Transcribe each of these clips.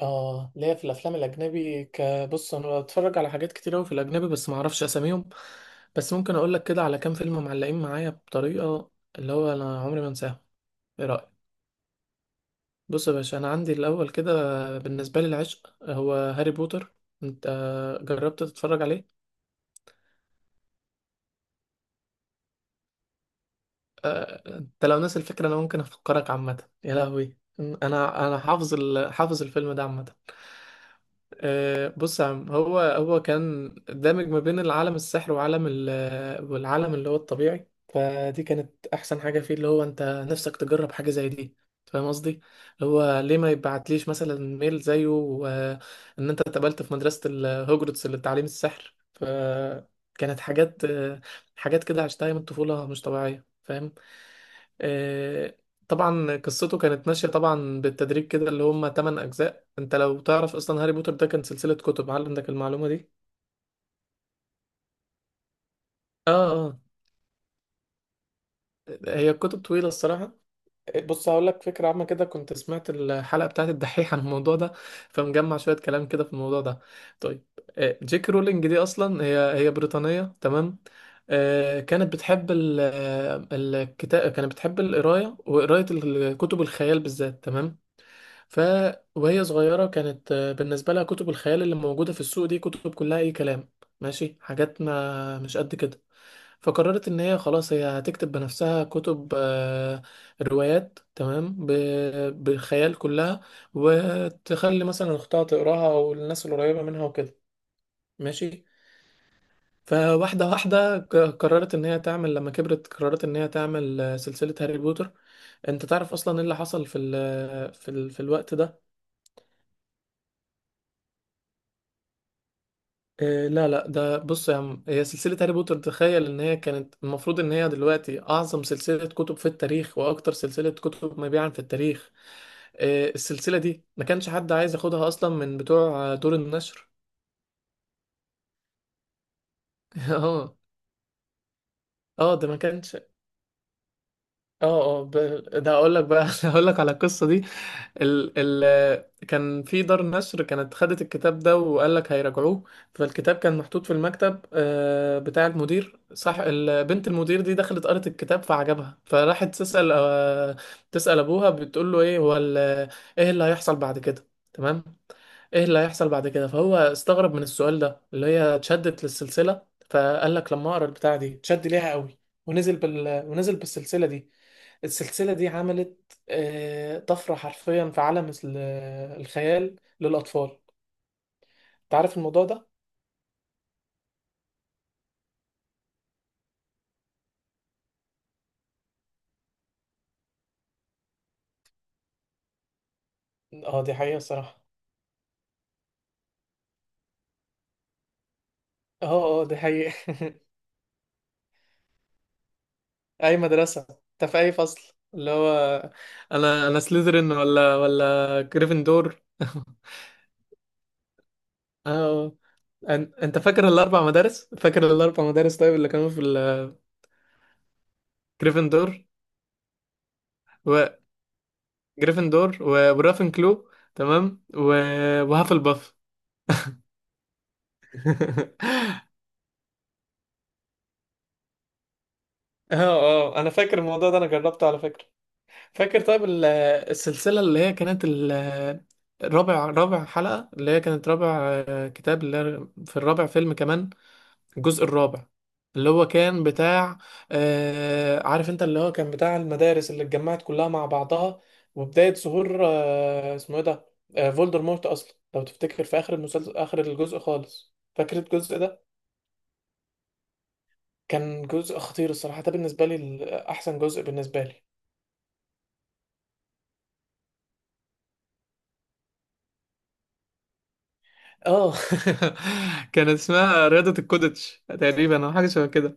اه ليا في الافلام الاجنبي بص انا بتفرج على حاجات كتير قوي في الاجنبي، بس ما اعرفش اساميهم. بس ممكن اقول لك كده على كام فيلم معلقين معايا بطريقه اللي هو انا عمري ما انساها. ايه رايك؟ بص يا باشا، انا عندي الاول كده، بالنسبه لي العشق هو هاري بوتر. انت جربت تتفرج عليه؟ انت لو ناسي الفكره انا ممكن افكرك عامه. يا لهوي، انا حافظ حافظ الفيلم ده عامه. بص يا عم، هو كان دامج ما بين العالم السحر وعالم والعالم اللي هو الطبيعي. فدي كانت احسن حاجه فيه، اللي هو انت نفسك تجرب حاجه زي دي. فاهم قصدي؟ اللي هو ليه ما يبعتليش مثلا ميل زيه وان انت اتقبلت في مدرسه الهوجرتس للتعليم السحر؟ فكانت حاجات حاجات كده عشتها من الطفوله مش طبيعيه. فاهم؟ آه، طبعا قصته كانت ماشيه طبعا بالتدريج كده، اللي هم 8 اجزاء. انت لو تعرف اصلا هاري بوتر ده كان سلسلة كتب؟ هل عندك المعلومة دي؟ اه، اه. هي الكتب طويلة الصراحة. بص، هقول لك فكرة عامة كده، كنت سمعت الحلقة بتاعت الدحيح عن الموضوع ده، فمجمع شوية كلام كده في الموضوع ده. طيب. جيك رولينج دي أصلا هي بريطانية، تمام. كانت بتحب الكتاب، كانت بتحب القراية وقراية الكتب الخيال بالذات، تمام. ف وهي صغيرة كانت، بالنسبة لها كتب الخيال اللي موجودة في السوق دي كتب كلها أي كلام، ماشي، حاجات ما مش قد كده. فقررت إن هي خلاص هي هتكتب بنفسها كتب روايات، تمام، بالخيال كلها، وتخلي مثلا أختها تقراها أو الناس القريبة منها وكده، ماشي. فواحدة واحدة قررت إن هي تعمل، لما كبرت قررت إن هي تعمل سلسلة هاري بوتر. أنت تعرف أصلا إيه اللي حصل في ال في ال في الوقت ده؟ إيه، لا لا، ده بص يا عم، هي سلسلة هاري بوتر، تخيل ان هي كانت المفروض ان هي دلوقتي اعظم سلسلة كتب في التاريخ واكتر سلسلة كتب مبيعا في التاريخ. إيه، السلسلة دي ما كانش حد عايز ياخدها اصلا من بتوع دور النشر. اه، اه، ده ما كانش. اه اه ده اقول لك بقى، اقول لك على القصة دي. ال ال كان في دار نشر كانت خدت الكتاب ده وقال لك هيراجعوه. فالكتاب كان محطوط في المكتب بتاع المدير، صح؟ بنت المدير دي دخلت قرت الكتاب فعجبها، فراحت تسأل، تسأل ابوها، بتقول له ايه هو ايه اللي هيحصل بعد كده، تمام، ايه اللي هيحصل بعد كده. فهو استغرب من السؤال ده، اللي هي اتشدت للسلسلة. فقال لك لما اقرا البتاع دي اتشد ليها قوي، ونزل بالسلسلة دي. السلسلة دي عملت طفرة حرفيا في عالم الخيال للأطفال. انت عارف الموضوع ده؟ اه، دي حقيقة الصراحة. اه، اه، دي حقيقة. أي مدرسة؟ انت في أي فصل اللي هو؟ أنا سlytherin ولا جريفندور؟ اه، آه. انت فاكر الاربع مدارس؟ فاكر الاربع مدارس طيب اللي كانوا في جريفندور، ورافنكلو، تمام، و... وهافلباف. اه، اه، انا فاكر الموضوع ده، انا جربته على فكرة. فاكر طيب السلسلة اللي هي كانت الرابع، رابع حلقة، اللي هي كانت رابع كتاب، اللي هي في الرابع فيلم كمان، الجزء الرابع، اللي هو كان بتاع عارف، انت اللي هو كان بتاع المدارس اللي اتجمعت كلها مع بعضها، وبداية ظهور اسمه ايه ده، فولدرمورت اصلا، لو تفتكر في اخر المسلسل، اخر الجزء خالص، فاكر الجزء ده. كان جزء خطير الصراحة ده، بالنسبة لي احسن جزء بالنسبة لي. اه. كان اسمها رياضة الكودتش تقريبا او حاجة شبه كده.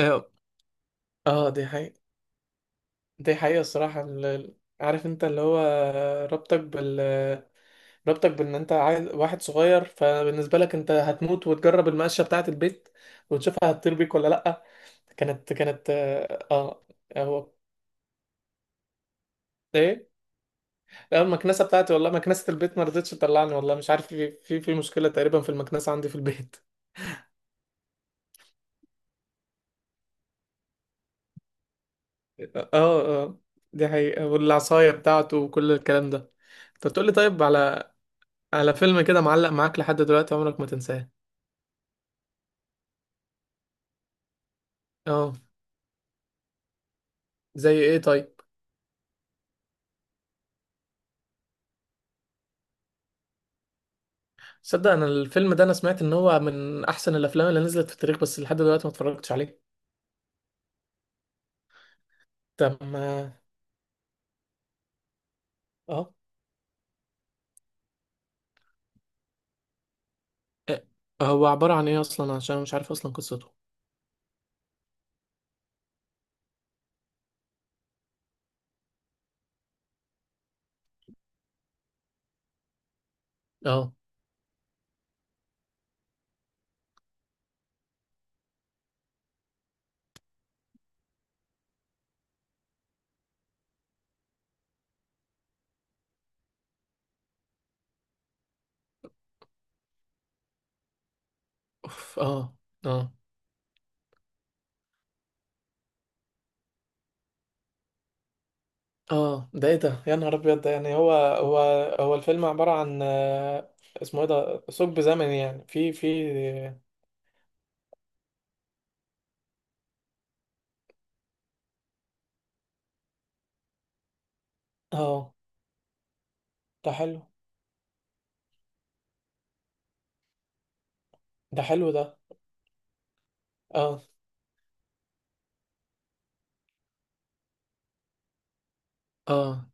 اه، اه، دي حقيقة. دي حقيقة الصراحة. عارف انت اللي هو ربطك بال ربطك بان انت عايز واحد صغير، فبالنسبة لك انت هتموت وتجرب المقشة بتاعة البيت وتشوفها هتطير بيك ولا لأ. كانت اه، هو، ايه. لا، المكنسة بتاعتي والله، مكنسة البيت ما رضتش تطلعني والله، مش عارف، في في مشكلة تقريبا في المكنسة عندي في البيت. اه، اه، دي حقيقة، والعصاية بتاعته وكل الكلام ده. طب تقولي طيب على على فيلم كده معلق معاك لحد دلوقتي عمرك ما تنساه. اه، زي ايه طيب؟ صدق، انا الفيلم ده انا سمعت ان هو من احسن الافلام اللي نزلت في التاريخ، بس لحد دلوقتي ما اتفرجتش عليه. طب ما اه، إيه؟ هو عبارة عن ايه اصلا، عشان أنا مش عارف اصلا قصته. اه. اوف، اه. اه، اه، ده ايه ده، يا نهار ابيض، ده يعني هو هو الفيلم عبارة عن اسمه ايه ده، ثقب زمني، يعني في، في. اه، ده حلو. ده حلو ده. اه، اه.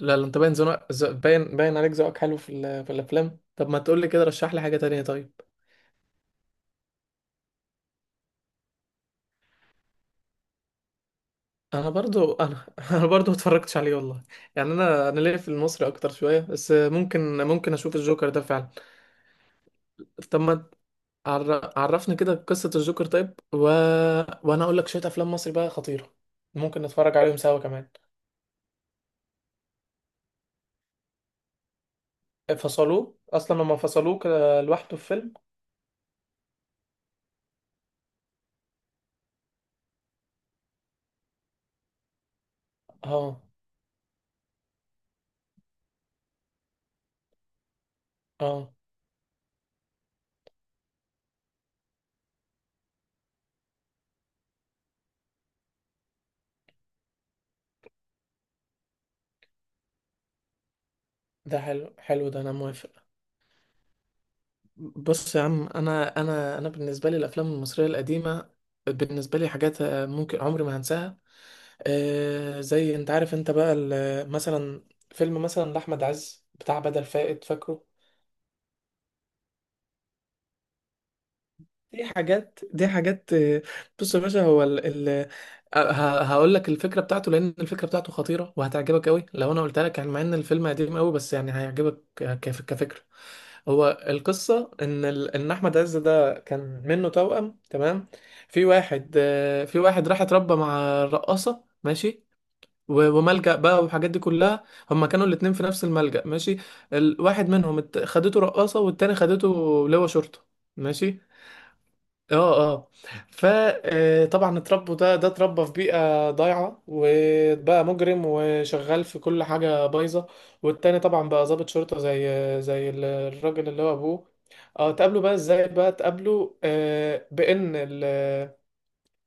لا لا، انت باين باين، باين عليك ذوقك حلو في في الافلام. طب ما تقول لي كده، رشح لي حاجه تانية طيب. انا برضو انا انا برضو ما اتفرجتش عليه والله، يعني انا، انا ليا في المصري اكتر شويه، بس ممكن اشوف الجوكر ده فعلا. طب ما عرفني كده قصه الجوكر طيب، و... وانا اقول لك شويه افلام مصري بقى خطيره. ممكن نتفرج عليهم سوا كمان. فصلوه اصلا، لما فصلوه كده لوحده في فيلم. اه، اه، ده حلو، حلو ده، انا موافق. بص يا عم، انا بالنسبه لي الافلام المصريه القديمه، بالنسبه لي حاجات ممكن عمري ما هنساها. زي انت عارف انت بقى مثلا فيلم مثلا لاحمد عز بتاع بدل فائد، فاكره؟ دي حاجات بص يا باشا، هو ال ال هقول لك الفكره بتاعته، لان الفكره بتاعته خطيره وهتعجبك قوي لو انا قلت لك، يعني مع ان الفيلم قديم قوي، بس يعني هيعجبك كفكره. هو القصة إن إن أحمد عز ده كان منه توأم، تمام. في واحد في واحد راح اتربى مع الرقاصة، ماشي، و... وملجأ بقى، والحاجات دي كلها. هما كانوا الاتنين في نفس الملجأ، ماشي. الواحد منهم خدته رقاصة، والتاني خدته لواء شرطة، ماشي. اه، اه. فطبعا اتربوا، ده اتربى في بيئة ضايعة وبقى مجرم وشغال في كل حاجة بايظة، والتاني طبعا بقى ضابط شرطة زي الراجل اللي هو ابوه. اه، تقابله بقى ازاي؟ بقى تقابله بان ال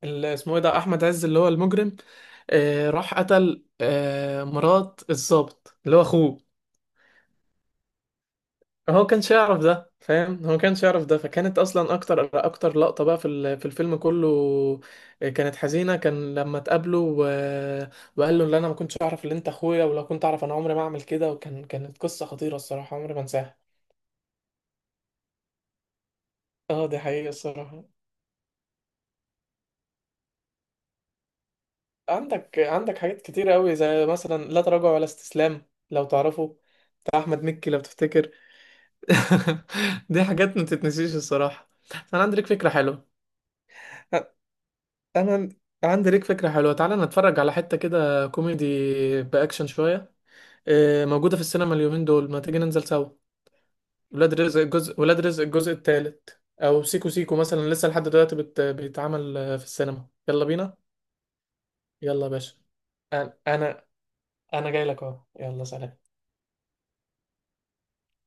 ال- اسمه ايه ده، احمد عز اللي هو المجرم، راح قتل مرات الضابط اللي هو اخوه. هو كانش يعرف ده، فاهم، هو كانش يعرف ده. فكانت اصلا اكتر لقطة بقى في في الفيلم كله، كانت حزينة، كان لما اتقابلوا و... وقال له اللي انا ما كنتش اعرف اللي انت اخويا، ولو كنت اعرف انا عمري ما اعمل كده. كانت قصة خطيرة الصراحة، عمري ما انساها. اه، دي حقيقة الصراحة. عندك حاجات كتير قوي زي مثلا لا تراجع ولا استسلام، لو تعرفه، بتاع احمد مكي لو تفتكر. دي حاجات ما تتنسيش الصراحة. انا عندي لك فكرة حلوة. انا عندي ليك فكره حلوه، تعالى نتفرج على حته كده كوميدي باكشن شويه، موجوده في السينما اليومين دول، ما تيجي ننزل سوا. ولاد رزق الجزء الثالث، او سيكو سيكو مثلا لسه لحد دلوقتي بيتعمل في السينما. يلا بينا. يلا يا باشا، انا أنا جاي لك اهو. يلا، سلام.